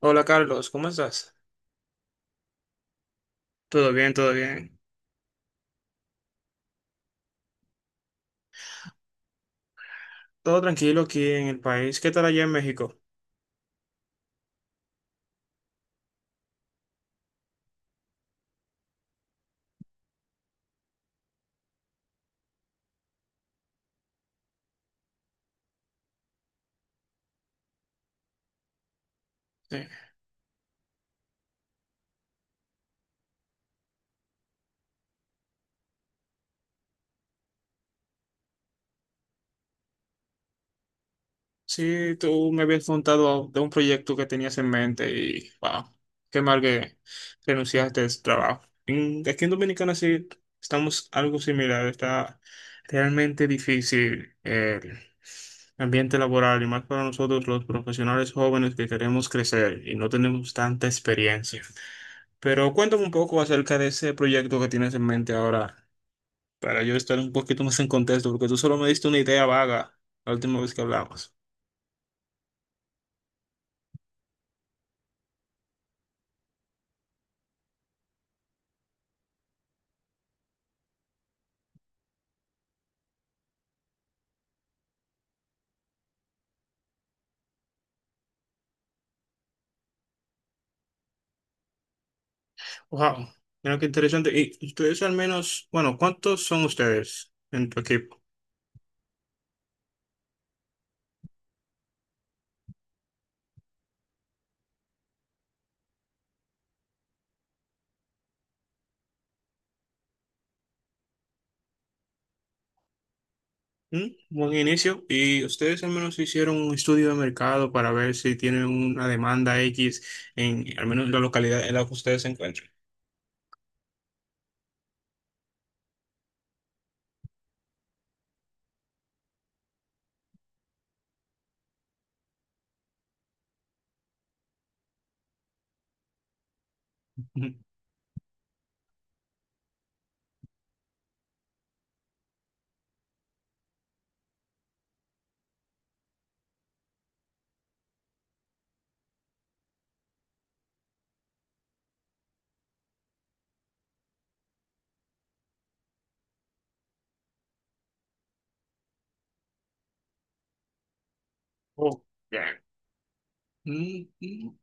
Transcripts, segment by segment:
Hola Carlos, ¿cómo estás? Todo bien, todo bien. Todo tranquilo aquí en el país. ¿Qué tal allá en México? Sí, sí, tú me habías contado de un proyecto que tenías en mente y, wow, qué mal que renunciaste a ese trabajo. Aquí en Dominicana sí estamos algo similar. Está realmente difícil el ambiente laboral y más para nosotros los profesionales jóvenes que queremos crecer y no tenemos tanta experiencia. Pero cuéntame un poco acerca de ese proyecto que tienes en mente ahora, para yo estar un poquito más en contexto, porque tú solo me diste una idea vaga la última vez que hablamos. Wow, mira qué interesante. Y ustedes al menos, bueno, ¿cuántos son ustedes en tu equipo? ¿Mm? Buen inicio. Y ustedes al menos hicieron un estudio de mercado para ver si tienen una demanda X en al menos en la localidad en la que ustedes se encuentran. Ujú. Oh, ya. Mm, mm.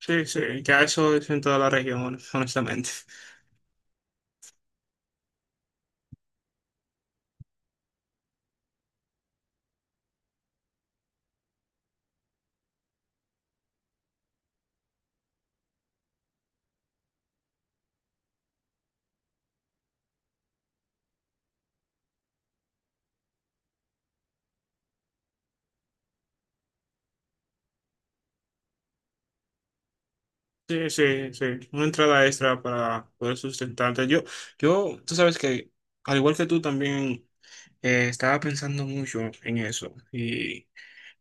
Sí, sí, ya eso es en toda la región, honestamente. Sí, sí, sí. Una entrada extra para poder sustentarte. Yo, tú sabes que, al igual que tú también, estaba pensando mucho en eso. Y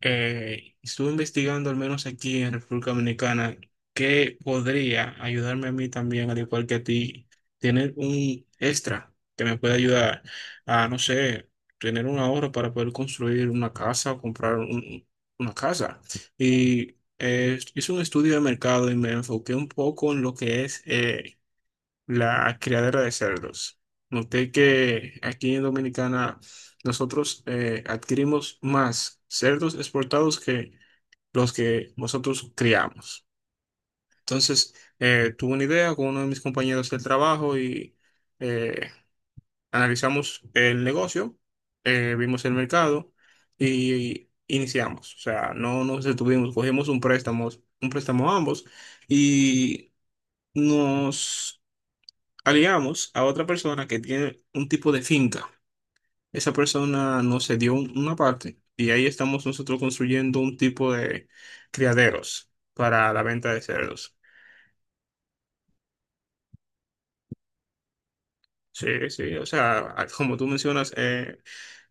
Estuve investigando, al menos aquí en República Dominicana, que podría ayudarme a mí también, al igual que a ti, tener un extra que me pueda ayudar a, no sé, tener un ahorro para poder construir una casa o comprar una casa. Y hice un estudio de mercado y me enfoqué un poco en lo que es la criadera de cerdos. Noté que aquí en Dominicana nosotros adquirimos más cerdos exportados que los que nosotros criamos. Entonces, tuve una idea con uno de mis compañeros del trabajo y eh, analizamos el negocio, vimos el mercado y iniciamos. O sea, no nos detuvimos, cogimos un préstamo ambos y nos aliamos a otra persona que tiene un tipo de finca. Esa persona nos cedió una parte y ahí estamos nosotros construyendo un tipo de criaderos para la venta de cerdos. Sí, sí, o sea, como tú mencionas,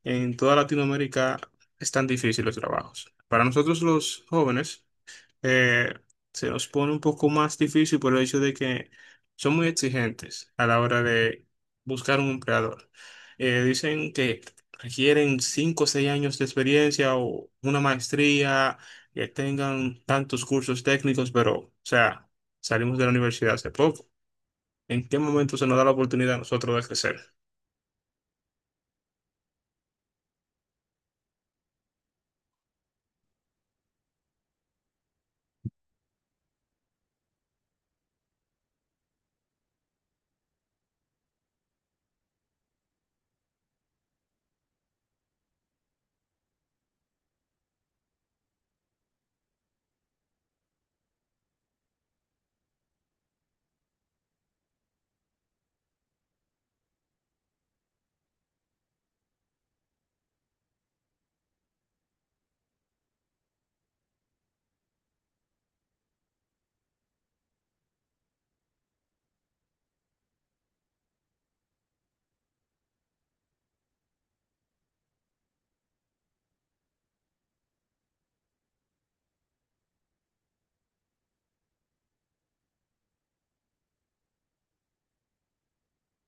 en toda Latinoamérica están difíciles los trabajos. Para nosotros los jóvenes, eh, se nos pone un poco más difícil por el hecho de que son muy exigentes a la hora de buscar un empleador. Dicen que requieren 5 o 6 años de experiencia o una maestría, que tengan tantos cursos técnicos, pero, o sea, salimos de la universidad hace poco. ¿En qué momento se nos da la oportunidad a nosotros de crecer?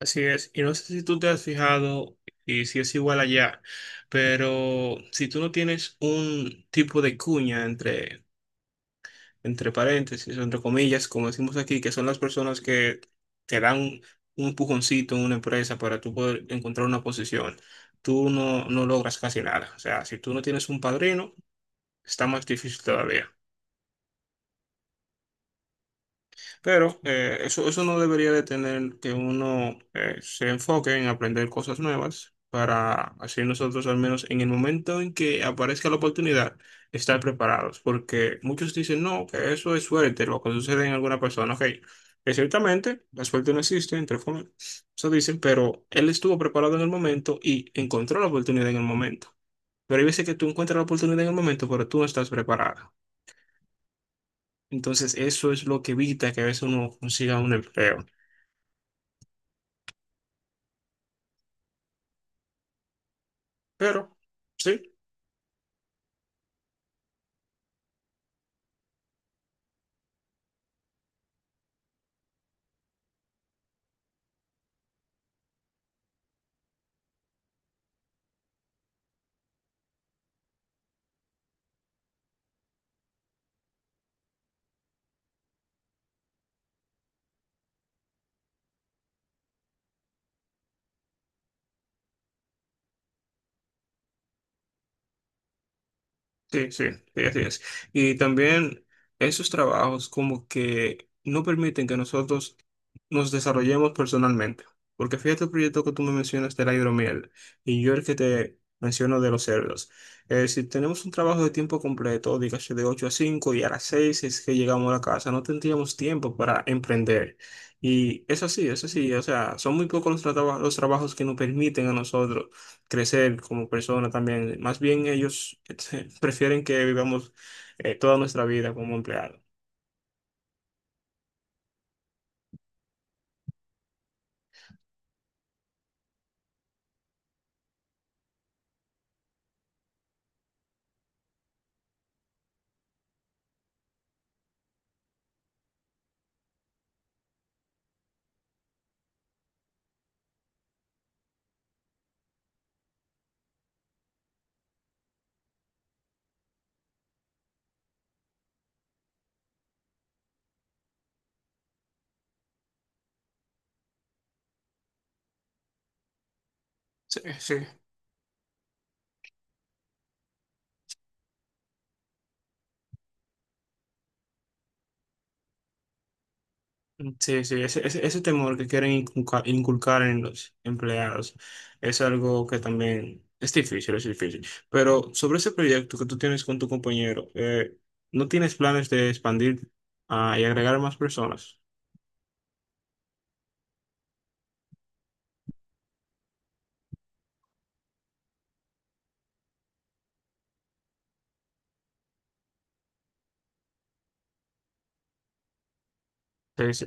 Así es, y no sé si tú te has fijado y si es igual allá. Pero si tú no tienes un tipo de cuña entre paréntesis, entre comillas, como decimos aquí, que son las personas que te dan un empujoncito en una empresa para tú poder encontrar una posición, tú no, no logras casi nada. O sea, si tú no tienes un padrino, está más difícil todavía. Pero eso no debería detener que uno se enfoque en aprender cosas nuevas para así nosotros al menos en el momento en que aparezca la oportunidad estar preparados. Porque muchos dicen, no, que eso es suerte, lo que sucede en alguna persona. Ok, que ciertamente la suerte no existe, entre comillas, eso dicen, pero él estuvo preparado en el momento y encontró la oportunidad en el momento. Pero hay veces que tú encuentras la oportunidad en el momento, pero tú no estás preparado. Entonces, eso es lo que evita que a veces uno consiga un empleo. Pero sí, sí, sí, sí, así es. Y también esos trabajos como que no permiten que nosotros nos desarrollemos personalmente. Porque fíjate el proyecto que tú me mencionas de la hidromiel y yo el que te menciono de los cerdos. Si tenemos un trabajo de tiempo completo, dígase de 8 a 5 y a las 6 es que llegamos a la casa, no tendríamos tiempo para emprender. Y es así, es así. O sea, son muy pocos los, los trabajos que nos permiten a nosotros crecer como persona también. Más bien ellos prefieren que vivamos toda nuestra vida como empleados. Sí, sí. Sí, sí, ese temor que quieren inculcar, en los empleados es algo que también es difícil, es difícil. Pero sobre ese proyecto que tú tienes con tu compañero, ¿no tienes planes de expandir y agregar más personas? Sí, sí.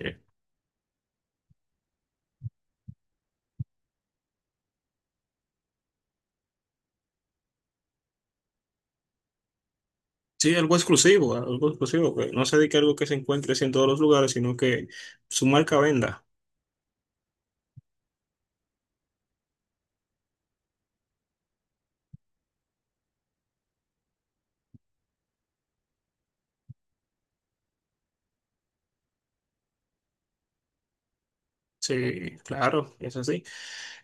Sí, algo exclusivo, que no se dedique a algo que se encuentre así en todos los lugares, sino que su marca venda. Sí, claro, es así.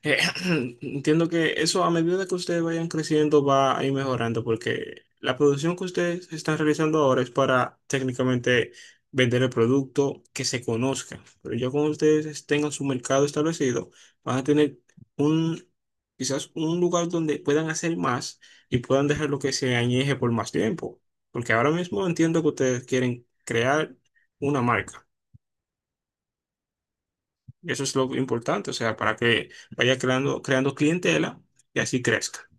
Eh, Entiendo que eso a medida que ustedes vayan creciendo va a ir mejorando porque la producción que ustedes están realizando ahora es para técnicamente vender el producto que se conozca. Pero ya cuando ustedes tengan su mercado establecido, van a tener un, quizás un lugar donde puedan hacer más y puedan dejar lo que se añeje por más tiempo. Porque ahora mismo entiendo que ustedes quieren crear una marca. Eso es lo importante, o sea, para que vaya creando, creando clientela y así crezca.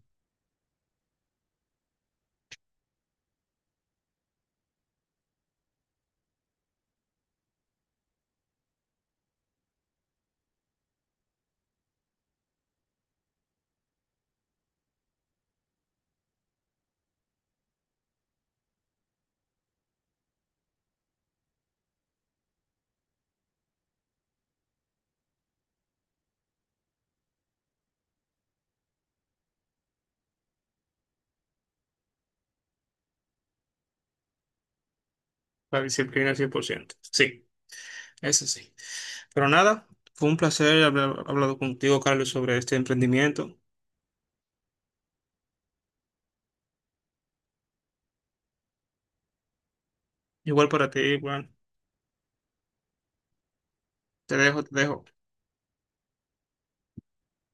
La disciplina al 100%. Sí, eso sí. Pero nada, fue un placer haber hablado contigo, Carlos, sobre este emprendimiento. Igual para ti, bueno, te dejo, te dejo.